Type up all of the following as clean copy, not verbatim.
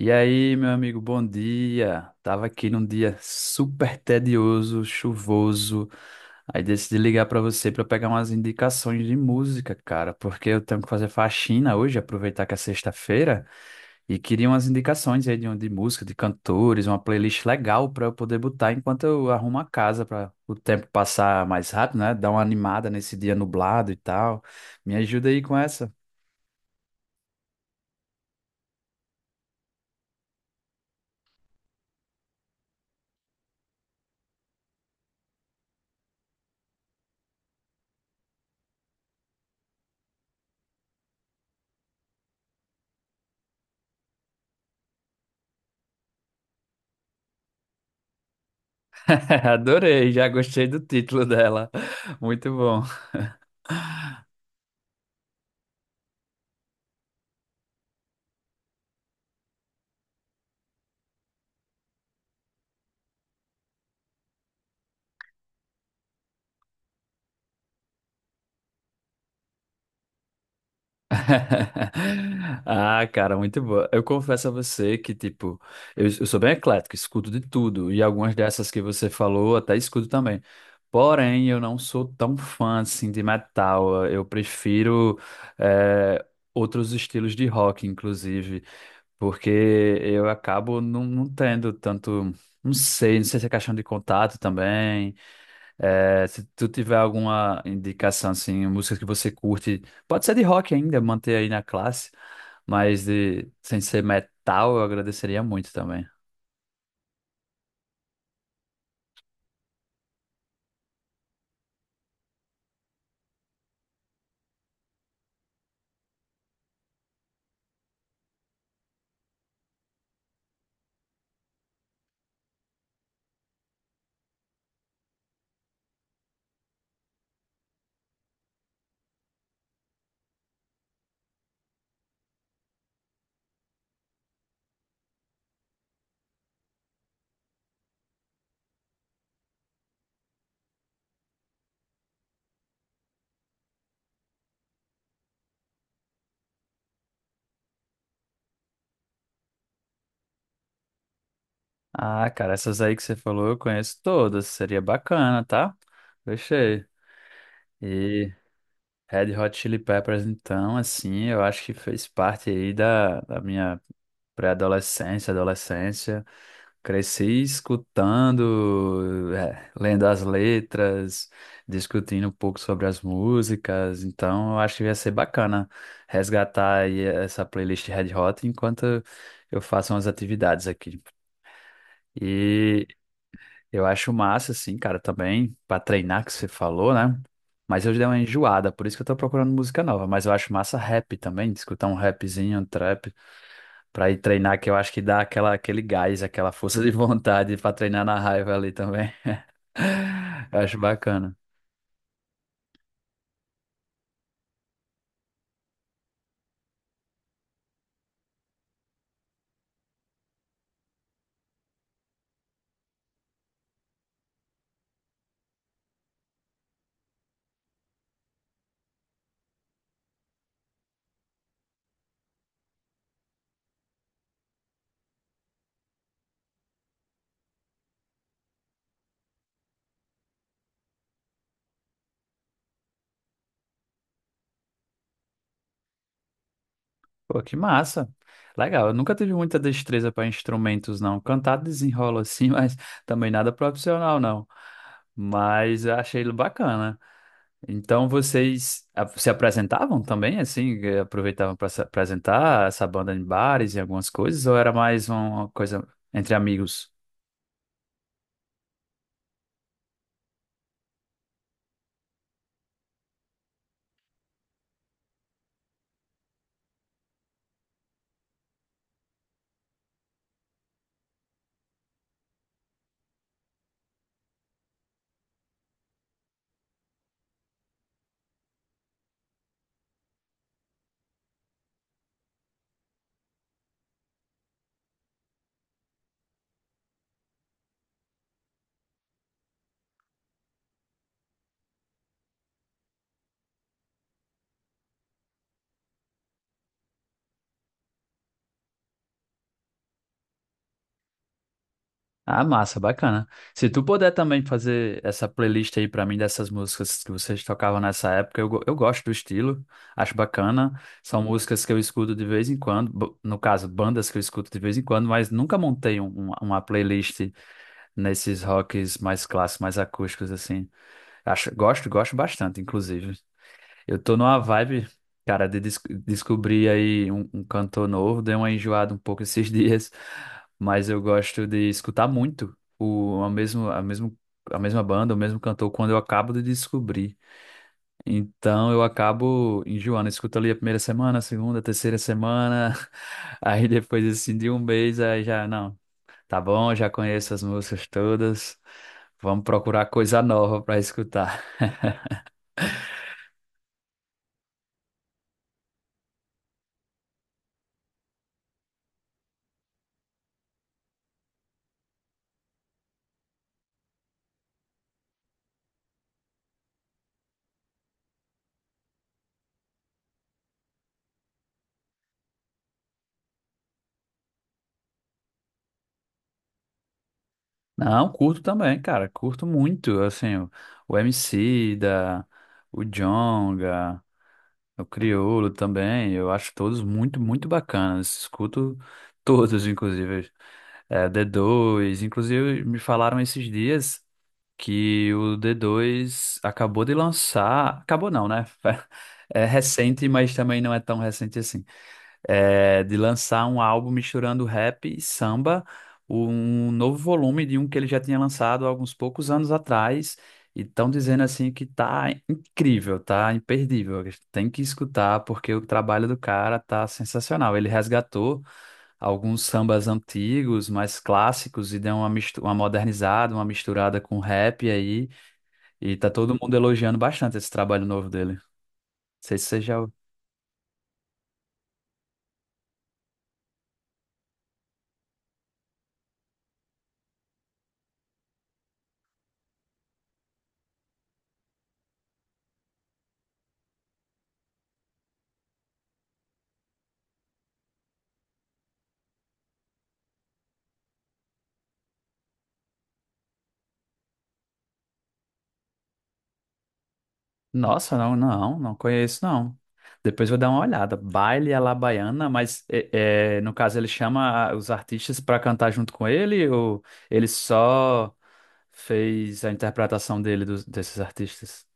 E aí, meu amigo, bom dia. Tava aqui num dia super tedioso, chuvoso. Aí decidi ligar pra você pra pegar umas indicações de música, cara, porque eu tenho que fazer faxina hoje, aproveitar que é sexta-feira, e queria umas indicações aí de música, de cantores, uma playlist legal pra eu poder botar enquanto eu arrumo a casa pra o tempo passar mais rápido, né? Dar uma animada nesse dia nublado e tal. Me ajuda aí com essa. Adorei, já gostei do título dela. Muito bom. Ah, cara, muito boa. Eu confesso a você que, tipo, eu sou bem eclético, escuto de tudo, e algumas dessas que você falou até escuto também. Porém, eu não sou tão fã, assim, de metal. Eu prefiro, eh, outros estilos de rock, inclusive, porque eu acabo não tendo tanto, não sei se é questão de contato também, é, se tu tiver alguma indicação, assim, músicas que você curte, pode ser de rock ainda, manter aí na classe, mas de, sem ser metal, eu agradeceria muito também. Ah, cara, essas aí que você falou eu conheço todas, seria bacana, tá? Gostei. E Red Hot Chili Peppers, então, assim, eu acho que fez parte aí da minha pré-adolescência, adolescência. Cresci escutando, é, lendo as letras, discutindo um pouco sobre as músicas, então eu acho que ia ser bacana resgatar aí essa playlist Red Hot enquanto eu faço umas atividades aqui. E eu acho massa, assim, cara, também, para treinar que você falou, né? Mas eu já dei uma enjoada, por isso que eu tô procurando música nova, mas eu acho massa rap também, escutar um rapzinho, um trap. Pra ir treinar, que eu acho que dá aquela, aquele gás, aquela força de vontade pra treinar na raiva ali também. Eu acho bacana. Pô, que massa. Legal, eu nunca tive muita destreza para instrumentos, não. Cantar desenrola assim, mas também nada profissional, não. Mas eu achei ele bacana. Então vocês ah, se apresentavam também, assim, eh, aproveitavam para se apresentar essa banda em bares e algumas coisas, ou era mais uma coisa entre amigos? Ah, massa, bacana. Se tu puder também fazer essa playlist aí pra mim dessas músicas que vocês tocavam nessa época, eu gosto do estilo, acho bacana. São músicas que eu escuto de vez em quando, no caso, bandas que eu escuto de vez em quando, mas nunca montei uma playlist nesses rocks mais clássicos, mais acústicos, assim. Acho, gosto, gosto bastante, inclusive. Eu tô numa vibe, cara, de descobrir aí um cantor novo. Dei uma enjoada um pouco esses dias, mas eu gosto de escutar muito o, a mesmo, a mesmo, a mesma banda, o mesmo cantor, quando eu acabo de descobrir. Então eu acabo enjoando. Eu escuto ali a primeira semana, a segunda, a terceira semana, aí depois assim de um mês, aí já, não, tá bom, já conheço as músicas todas. Vamos procurar coisa nova pra escutar. Não, curto também, cara. Curto muito, assim, o Emicida, o Djonga, o Criolo também. Eu acho todos muito, muito bacanas. Escuto todos, inclusive. É, D2 inclusive me falaram esses dias que o D2 acabou de lançar... Acabou não, né? É recente, mas também não é tão recente assim é, de lançar um álbum misturando rap e samba, um novo volume de um que ele já tinha lançado há alguns poucos anos atrás. E estão dizendo assim que tá incrível, tá imperdível. Tem que escutar porque o trabalho do cara tá sensacional. Ele resgatou alguns sambas antigos, mais clássicos, e deu uma, uma modernizada, uma misturada com rap aí. E tá todo mundo elogiando bastante esse trabalho novo dele. Não sei se você já. Nossa, não, não, não conheço, não. Depois vou dar uma olhada. Baile Alabaiana, mas é, é, no caso ele chama os artistas para cantar junto com ele ou ele só fez a interpretação dele desses artistas?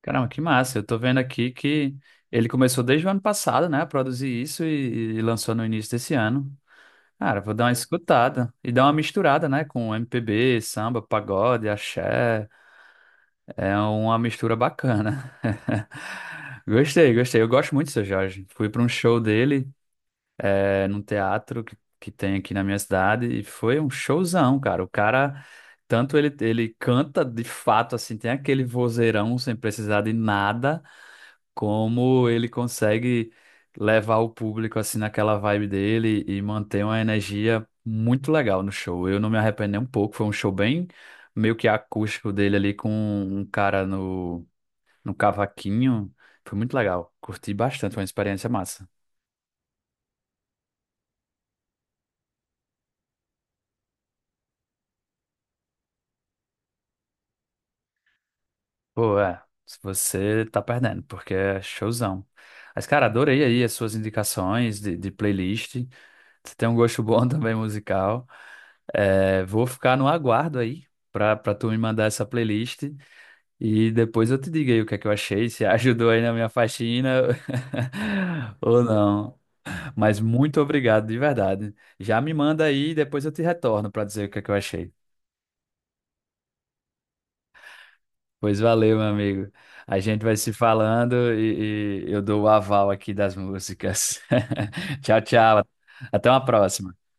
Caramba, que massa. Eu tô vendo aqui que ele começou desde o ano passado, né, a produzir isso e lançou no início desse ano. Cara, vou dar uma escutada e dar uma misturada, né, com MPB, samba, pagode, axé. É uma mistura bacana. Gostei, gostei. Eu gosto muito do seu Jorge. Fui para um show dele, é, num teatro que tem aqui na minha cidade, e foi um showzão, cara. O cara, tanto ele, ele canta de fato, assim, tem aquele vozeirão sem precisar de nada, como ele consegue levar o público, assim, naquela vibe dele e manter uma energia muito legal no show. Eu não me arrependi nem um pouco, foi um show bem meio que acústico dele ali com um cara no cavaquinho. Foi muito legal. Curti bastante, foi uma experiência massa. Pô, é. Se você tá perdendo, porque é showzão. Mas, cara, adorei aí as suas indicações de playlist. Você tem um gosto bom também musical. É, vou ficar no aguardo aí pra tu me mandar essa playlist e depois eu te digo aí o que é que eu achei, se ajudou aí na minha faxina ou não. Mas muito obrigado, de verdade. Já me manda aí e depois eu te retorno pra dizer o que é que eu achei. Pois valeu, meu amigo. A gente vai se falando e eu dou o aval aqui das músicas. Tchau, tchau. Até uma próxima.